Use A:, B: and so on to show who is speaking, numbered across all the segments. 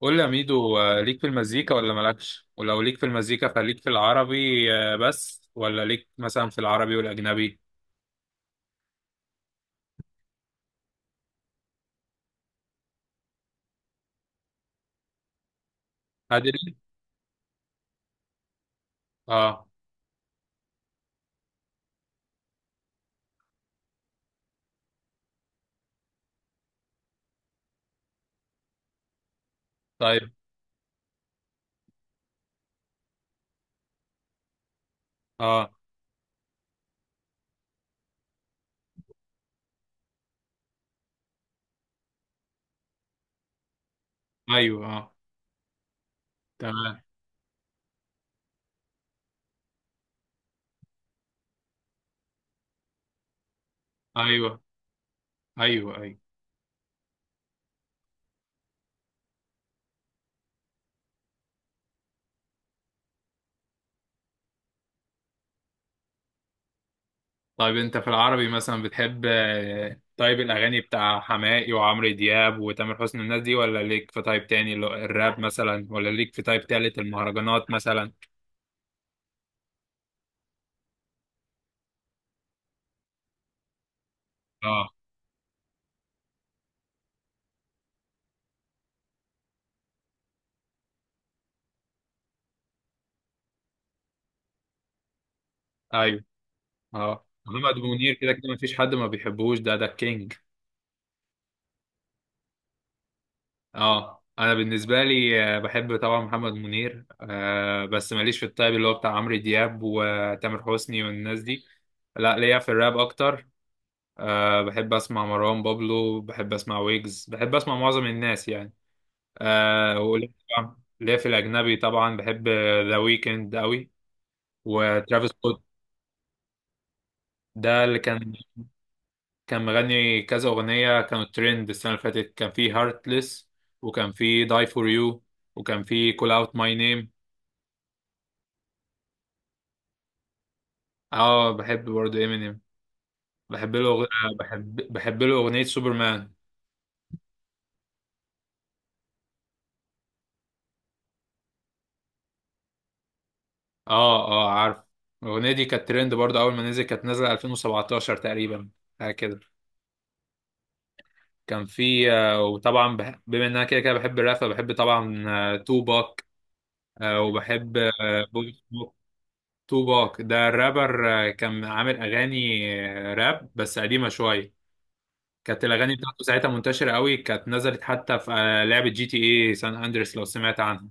A: قول لي يا ميدو، ليك في المزيكا ولا مالكش؟ ولو ليك في المزيكا فليك في العربي بس، ولا ليك مثلا في العربي والاجنبي؟ هادري. اه. طيب. اه. ايوه. اه. تمام. ايوه، ايوه، ايوه. طيب انت في العربي مثلا بتحب، طيب، الاغاني بتاع حماقي وعمرو دياب وتامر حسني الناس دي، ولا ليك في تايب تاني اللي هو الراب مثلا، ولا ليك في تايب تالت المهرجانات مثلا؟ اه. ايوه. اه، محمد منير كده كده مفيش حد ما بيحبوش، ده الكينج. اه، انا بالنسبه لي بحب طبعا محمد منير، آه، بس ماليش في الطيب اللي هو بتاع عمرو دياب وتامر حسني والناس دي. لا، ليا في الراب اكتر. آه، بحب اسمع مروان بابلو، بحب اسمع ويجز، بحب اسمع معظم الناس يعني. آه، وليا طبعاً- ليا في الاجنبي طبعا بحب ذا ويكند قوي، وترافيس سكوت. ده اللي كان، كان مغني كذا اغنيه كانوا ترند السنه اللي فاتت، كان في هارتلess، وكان في داي فور يو، وكان في كول اوت ماي نيم. اه، بحب برضه امينيم. بحب له أغ... آه، بحب له اغنيه سوبرمان. اه، اه عارف. الاغنيه دي كانت ترند برضه، اول ما نزل كانت نازله 2017 تقريبا، حاجه كده. كان في، وطبعا بما ان انا كده كده بحب الراب، فبحب طبعا توباك. وبحب، توباك ده الرابر، كان عامل اغاني راب بس قديمه شويه. كانت الاغاني بتاعته ساعتها منتشره قوي، كانت نزلت حتى في لعبه جي تي اي سان اندريس، لو سمعت عنها.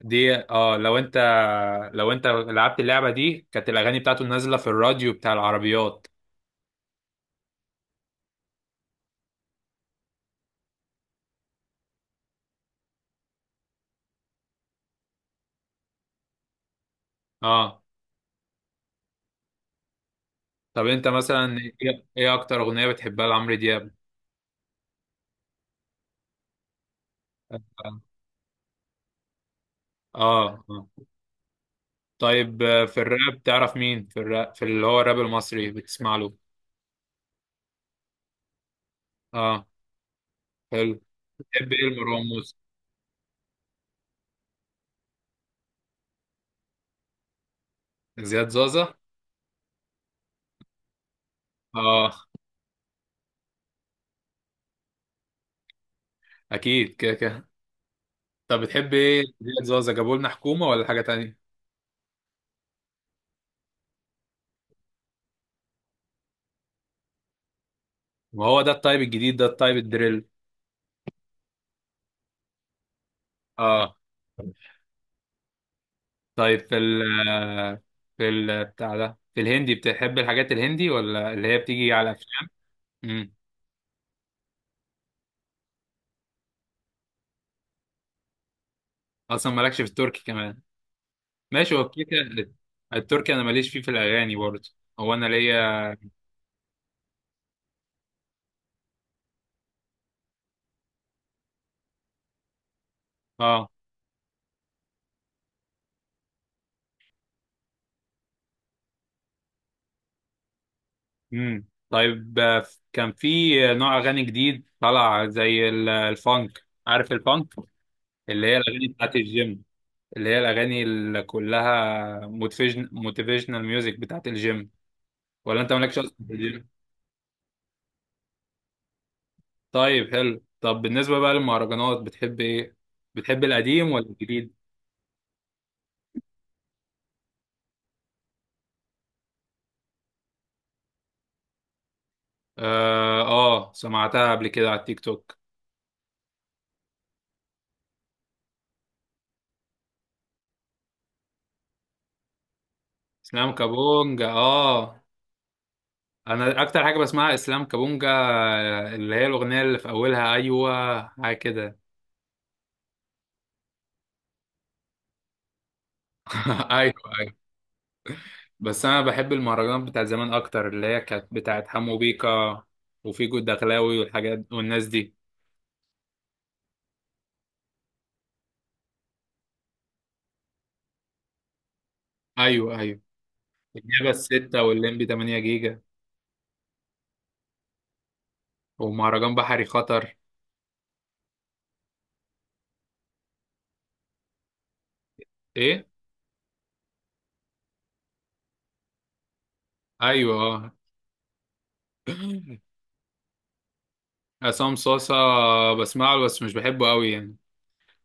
A: دي، اه، لو انت لعبت اللعبه دي، كانت الاغاني بتاعته نازله في الراديو بتاع العربيات. اه. طب انت مثلا إيه اكتر اغنيه بتحبها لعمرو دياب؟ اه، اه. طيب، في الراب، تعرف مين في الراب، في اللي هو الراب المصري بتسمع له؟ اه. حلو. بتحب ايه لمروان موسى؟ زياد زازا. اه. اكيد كده كده. طب بتحب ايه زياد زازا، جابوا لنا حكومه ولا حاجه تانية؟ ما هو ده التايب الجديد، ده التايب الدريل. اه. طيب، في ال بتاع ده، في الهندي بتحب الحاجات الهندي، ولا اللي هي بتيجي على افلام؟ امم. اصلا مالكش في التركي كمان؟ ماشي، هو كده كده. التركي انا ماليش فيه، في الاغاني برضه. هو انا ليا، اه. امم. طيب، كان في نوع اغاني جديد طلع زي الفانك، عارف الفانك؟ اللي هي الاغاني بتاعت الجيم، اللي هي الاغاني اللي كلها موتيفيشن، موتيفيشنال ميوزك بتاعت الجيم. ولا انت مالكش اصلا في الجيم؟ طيب، حلو. طب بالنسبة بقى للمهرجانات، بتحب ايه؟ بتحب القديم ولا الجديد؟ اه، آه، سمعتها قبل كده على التيك توك. اسلام كابونجا، اه. انا اكتر حاجة بسمعها اسلام كابونجا، اللي هي الاغنية اللي في اولها ايوه حاجة كده. ايوه، ايوه. بس انا بحب المهرجانات بتاعت زمان اكتر، اللي هي كانت بتاعت حمو بيكا وفيجو الدخلاوي والحاجات والناس دي. ايوه، ايوه. الجبل الستة واللمبي 8 جيجا، ومهرجان بحري خطر. ايه؟ ايوه. آه، عصام صاصة، بسمع له بس مش بحبه قوي يعني.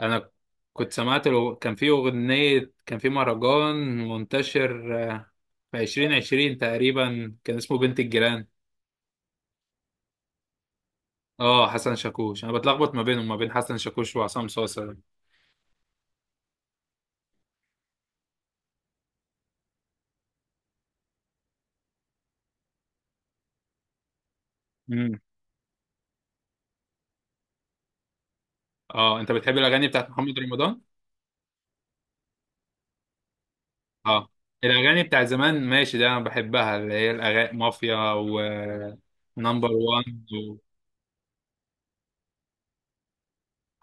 A: انا كنت سمعت له، كان في اغنية، كان في مهرجان منتشر في عشرين عشرين تقريبا، كان اسمه بنت الجيران. اه، حسن شاكوش، انا بتلخبط ما بينهم، ما بين حسن شاكوش وعصام صاصة ده. امم. اه، انت بتحب الاغاني بتاعت محمد رمضان؟ اه، الاغاني بتاع زمان ماشي، ده انا بحبها، اللي هي الاغاني مافيا، و نمبر وان و...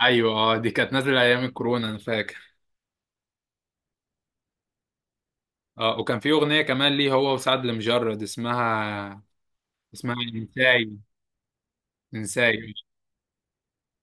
A: ايوه، اه، دي كانت نازله ايام الكورونا، انا فاكر. اه، وكان في اغنيه كمان ليه، هو وسعد المجرد، اسمها، اسمها انساي. انساي.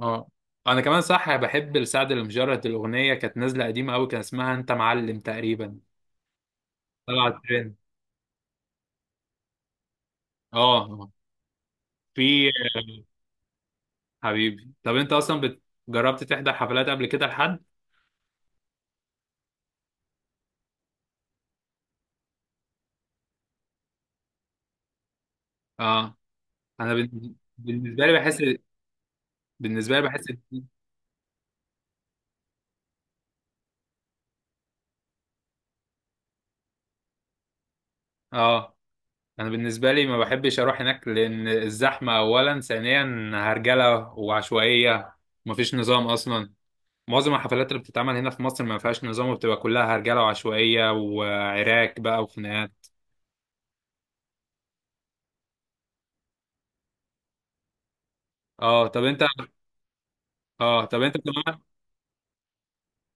A: اه. انا كمان صح، بحب لسعد المجرد الاغنيه كانت نازله قديمه قوي، كان اسمها انت معلم تقريبا. طلعت ترند. اه. في، حبيبي. طب انت اصلا جربت تحضر حفلات قبل كده لحد؟ اه، بالنسبه لي بحس، بالنسبه لي بحس. اه، انا بالنسبه لي ما بحبش اروح هناك، لان الزحمه اولا، ثانيا هرجله وعشوائيه ومفيش نظام اصلا. معظم الحفلات اللي بتتعمل هنا في مصر ما فيهاش نظام، وبتبقى كلها هرجله وعشوائيه وعراك بقى وخناقات. اه. طب انت، اه، طب انت كمان.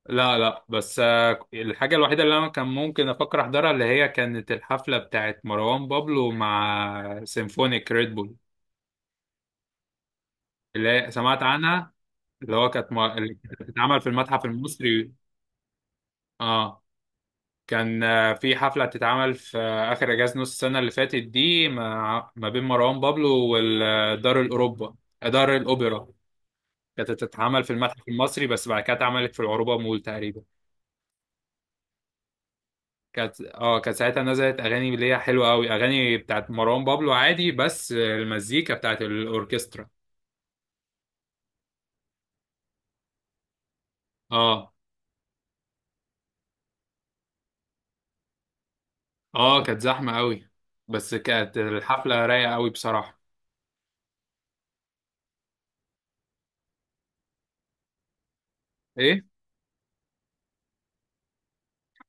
A: لا، لا، بس الحاجه الوحيده اللي انا كان ممكن افكر احضرها، اللي هي كانت الحفله بتاعت مروان بابلو مع سيمفونيك ريد بول، اللي هي سمعت عنها. اللي هو اللي كانت بتتعمل في المتحف المصري. اه، كان في حفلة بتتعمل في آخر إجازة نص السنة اللي فاتت دي، ما بين مروان بابلو والدار الأوروبا، دار الأوبرا. كانت بتتعمل في المتحف المصري، بس بعد كده اتعملت في العروبة مول تقريبا. كانت اه كانت ساعتها نزلت أغاني اللي هي حلوة أوي، أغاني بتاعت مروان بابلو عادي، بس المزيكا بتاعت الأوركسترا. اه. اه، كانت زحمة أوي، بس كانت الحفلة رايقة أوي بصراحة. إيه؟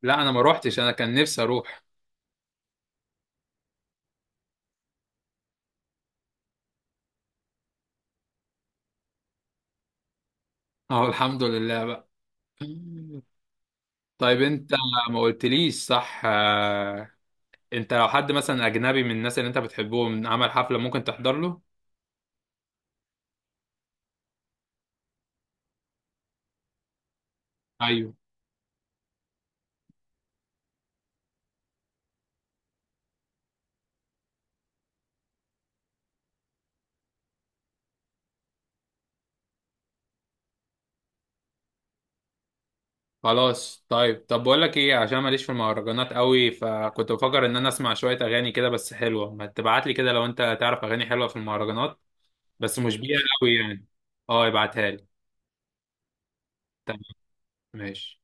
A: لا، أنا ما روحتش، أنا كان نفسي أروح. اه، الحمد لله بقى. طيب، انت ما قلتليش صح، انت لو حد مثلا اجنبي من الناس اللي انت بتحبهم عمل حفلة، ممكن تحضر له؟ ايوه. خلاص، طيب. طب بقول لك ايه، عشان ماليش في المهرجانات قوي، فكنت بفكر ان انا اسمع شوية اغاني كده بس حلوة، ما تبعت لي كده لو انت تعرف اغاني حلوة في المهرجانات، بس مش بيها قوي يعني. اه، ابعتها لي. تمام. ماشي.